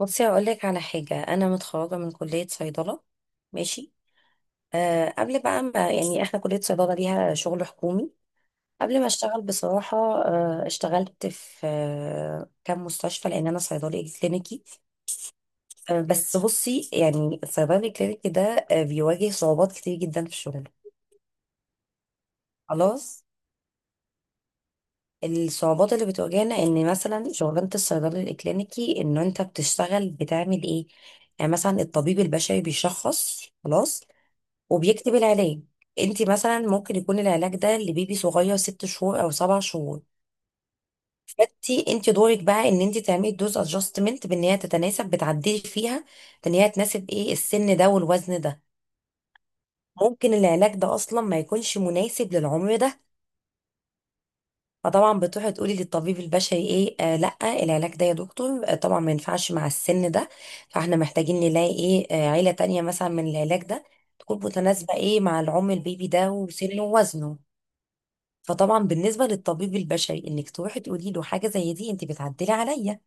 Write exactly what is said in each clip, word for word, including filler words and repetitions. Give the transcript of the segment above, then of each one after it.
بصي، هقول لك على حاجة. أنا متخرجة من كلية صيدلة. ماشي. آه قبل بقى ما يعني إحنا كلية صيدلة ليها شغل حكومي. قبل ما أشتغل بصراحة، آه اشتغلت في آه كام مستشفى لأن أنا صيدلي كلينيكي. آه بس بصي، يعني الصيدلي الكلينيكي ده آه بيواجه صعوبات كتير جدا في شغله. خلاص. الصعوبات اللي بتواجهنا إن مثلا شغلانة الصيدلي الكلينيكي، إن أنت بتشتغل بتعمل إيه؟ يعني مثلا الطبيب البشري بيشخص خلاص وبيكتب العلاج. انت مثلا ممكن يكون العلاج ده لبيبي صغير ست شهور او سبع شهور. فانت انت دورك بقى ان انت تعملي دوز ادجستمنت بان هي تتناسب، بتعدلي فيها بان هي تناسب ايه السن ده والوزن ده. ممكن العلاج ده اصلا ما يكونش مناسب للعمر ده. فطبعا بتروحي تقولي للطبيب البشري ايه، آه لا، العلاج ده يا دكتور آه طبعا ما ينفعش مع السن ده. فاحنا محتاجين نلاقي ايه، آه عيلة تانية مثلا من العلاج ده تكون متناسبة ايه مع العمر البيبي ده وسنه ووزنه. فطبعا بالنسبة للطبيب البشري، انك تروحي تقولي له حاجة زي دي، انت بتعدلي عليا.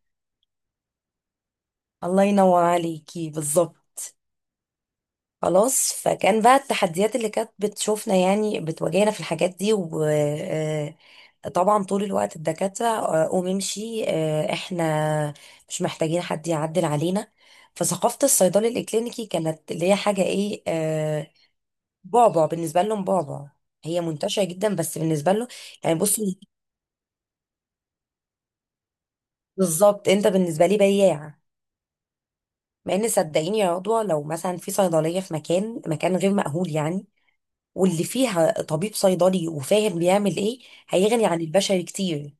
الله ينور عليكي، بالظبط. خلاص. فكان بقى التحديات اللي كانت بتشوفنا يعني بتواجهنا في الحاجات دي، و آه، طبعا طول الوقت الدكاترة آه، قوم امشي، آه، احنا مش محتاجين حد يعدل علينا. فثقافة الصيدلي الإكلينيكي كانت اللي هي حاجة ايه، آه، بعبع بالنسبة لهم، بعبع. هي منتشرة جدا بس بالنسبة له. يعني بصي، بالظبط، انت بالنسبة لي بياع. مع ان صدقيني يا عضوة، لو مثلا في صيدلية في مكان مكان غير مأهول يعني، واللي فيها طبيب صيدلي وفاهم بيعمل ايه، هيغني عن البشري كتير.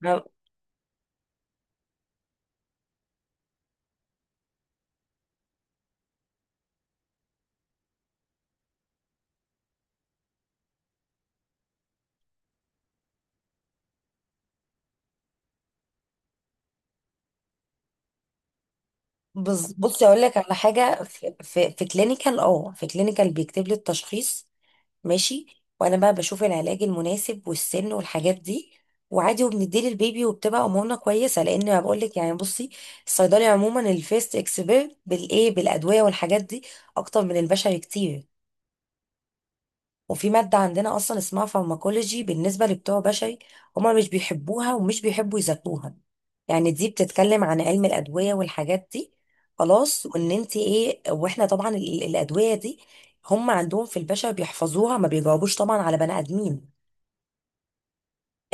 ما- بص- بصي اقول لك على حاجة، في في, في كلينيكال اه في كلينيكال بيكتب لي التشخيص. ماشي. وانا بقى بشوف العلاج المناسب والسن والحاجات دي، وعادي وبنديه للبيبي وبتبقى امورنا كويسه. لان انا بقول لك يعني بصي، الصيدلي عموما الفيست اكسبيرت بالايه، بالادويه والحاجات دي، اكتر من البشري كتير. وفي مادة عندنا أصلا اسمها فارماكولوجي، بالنسبة لبتوع بشري هما مش بيحبوها ومش بيحبوا يذاكروها، يعني دي بتتكلم عن علم الأدوية والحاجات دي. خلاص. وإن أنت إيه، وإحنا طبعا ال- الأدوية دي هم عندهم في البشر بيحفظوها، ما بيجاوبوش طبعا على بني آدمين.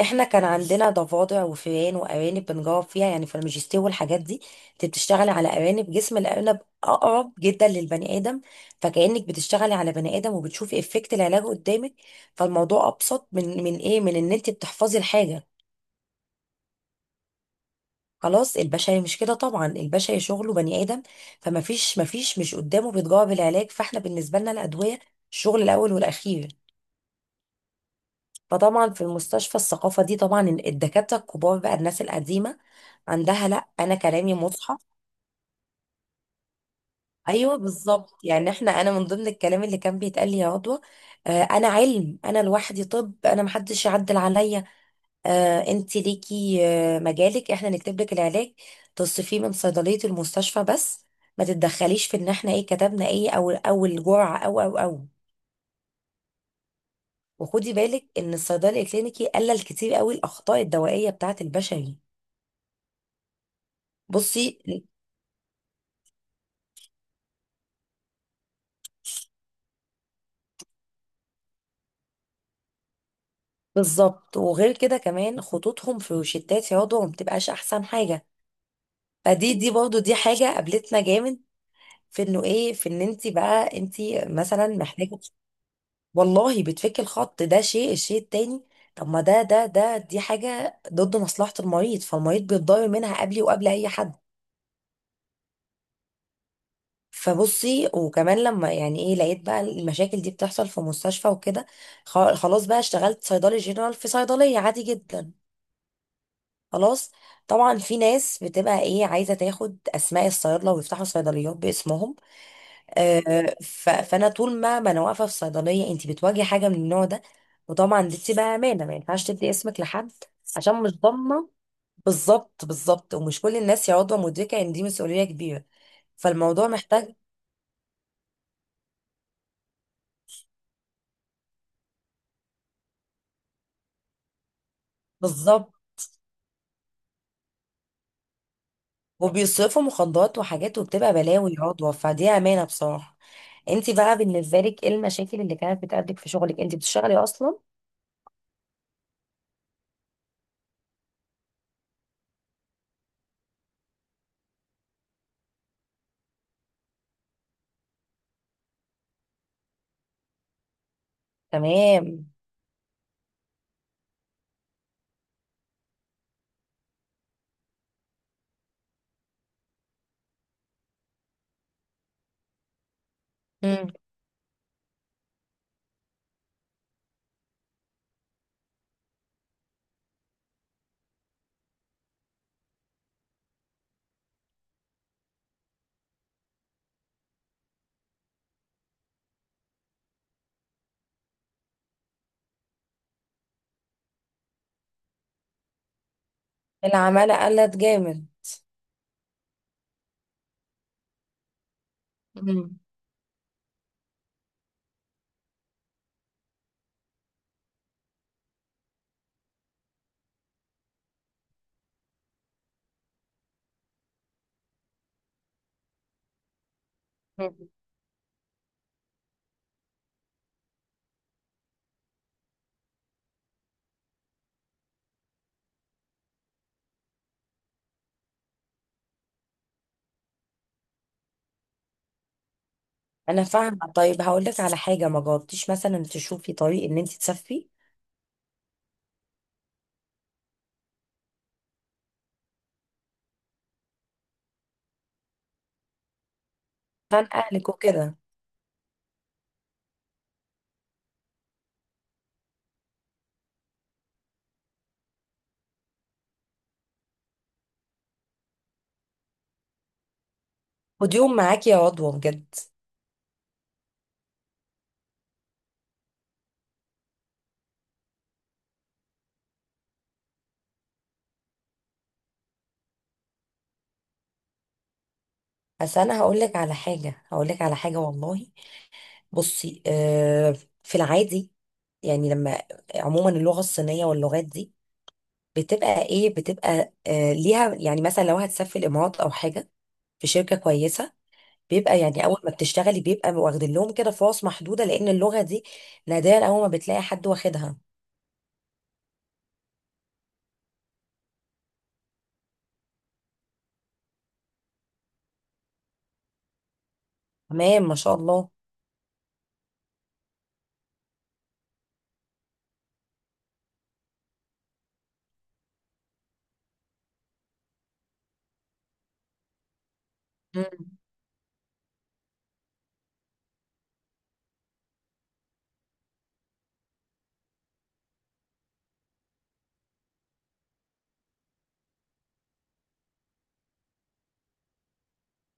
احنا كان عندنا ضفادع وفئران وارانب بنجاوب فيها يعني في الماجستير والحاجات دي. انت بتشتغلي على ارانب، جسم الارنب اقرب جدا للبني ادم، فكانك بتشتغلي على بني ادم وبتشوفي افكت العلاج قدامك. فالموضوع ابسط من من ايه، من ان انت بتحفظي الحاجه. خلاص. البشري مش كده طبعا، البشري شغله بني ادم، فما فيش ما فيش، مش قدامه بيتجاوب العلاج، فاحنا بالنسبه لنا الادويه الشغل الاول والاخير. فطبعا في المستشفى الثقافة دي طبعا، الدكاترة الكبار بقى الناس القديمة عندها، لا أنا كلامي مصحى. أيوه بالظبط، يعني احنا، أنا من ضمن الكلام اللي كان بيتقال لي يا عضوة، آه أنا علم، أنا لوحدي، طب أنا محدش يعدل عليا، آه أنت ليكي آه مجالك، احنا نكتب لك العلاج تصرفيه من صيدلية المستشفى بس، ما تتدخليش في إن احنا إيه كتبنا، إيه أو أو الجرعة أو أو أو وخدي بالك إن الصيدلي الكلينيكي قلل كتير قوي الأخطاء الدوائية بتاعة البشري. بصي بالظبط، وغير كده كمان خطوطهم في روشتات في عضو ما بتبقاش احسن حاجه. فدي دي برضو دي حاجه قابلتنا جامد، في انه ايه، في ان انت بقى انت مثلا محتاجه، والله بتفك الخط ده شيء. الشيء التاني، طب ما ده ده ده دي حاجه ضد مصلحه المريض، فالمريض بيتضرر منها قبلي وقبل اي حد. فبصي، وكمان لما يعني ايه لقيت بقى المشاكل دي بتحصل في مستشفى وكده، خ- خلاص بقى اشتغلت صيدلي جنرال في صيدليه عادي جدا. خلاص. طبعا في ناس بتبقى ايه عايزه تاخد اسماء الصيادله ويفتحوا صيدليات باسمهم. آه ف- فانا طول ما ما انا واقفه في صيدليه، انت بتواجهي حاجه من النوع ده، وطبعا دي بتبقى امانه، ما ينفعش تدي اسمك لحد، عشان مش ضامنه. بالظبط، بالظبط، ومش كل الناس يا عضوه مدركه ان دي مسؤوليه كبيره. فالموضوع محتاج. بالظبط، وبيصرفوا مخدرات وحاجات وبتبقى بلاوي يا عضوه، فدي امانه بصراحه. انت بقى بالنسبه لك ايه المشاكل اللي كانت بتقابلك في شغلك؟ انت بتشتغلي اصلا؟ تمام. مم. العمالة قلت جامد. مم. مم. انا فاهمة. طيب هقول لك على حاجة، ما جربتيش مثلا تشوفي طريق ان انت تسافري؟ عشان اهلك وكده. خدي يوم معاكي يا رضوى بجد. بس انا هقول لك على حاجة، هقول لك على حاجة والله. بصي آه في العادي، يعني لما، عموما اللغة الصينية واللغات دي بتبقى ايه بتبقى آه ليها، يعني مثلا لو هتسافري الامارات او حاجة في شركة كويسة، بيبقى يعني اول ما بتشتغلي بيبقى واخدين لهم كده فرص محدوده، لان اللغه دي نادرا اول ما بتلاقي حد واخدها. تمام، ما شاء الله. مم.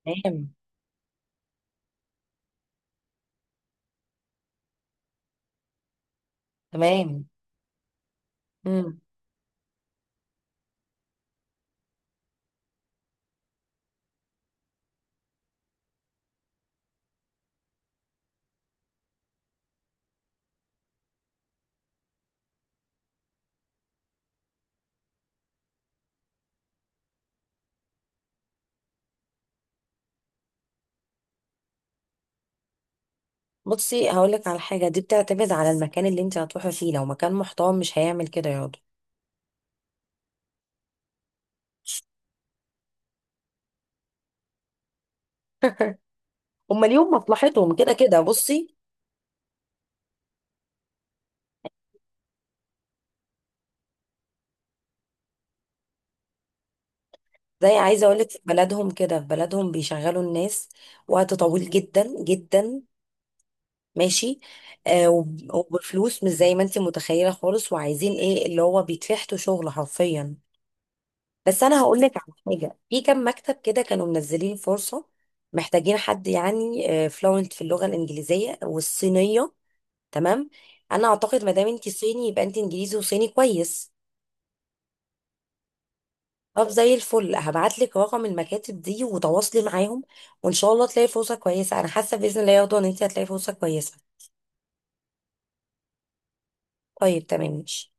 تمام. تمام. مم. بصي، هقول لك على حاجه، دي بتعتمد على المكان اللي انت هتروحي فيه، لو مكان محترم مش هيعمل كده ياض. هما ليهم مصلحتهم كده كده بصي. زي عايزه اقول لك، في بلدهم كده، في بلدهم بيشغلوا الناس وقت طويل جدا جدا، ماشي، آه وب- وبفلوس مش زي ما انت متخيله خالص، وعايزين ايه، اللي هو بيتفحتوا شغل حرفيا. بس انا هقول لك على حاجه، في كام مكتب كده كانوا منزلين فرصه، محتاجين حد يعني فلوينت في اللغه الانجليزيه والصينيه. تمام. انا اعتقد ما دام انت صيني يبقى انت انجليزي وصيني كويس. طب زي الفل، هبعت لك رقم المكاتب دي وتواصلي معاهم، وان شاء الله تلاقي فرصه كويسه. انا حاسه باذن الله يا رضوى ان انت هتلاقي فرصه كويسه. طيب تمام ماشي.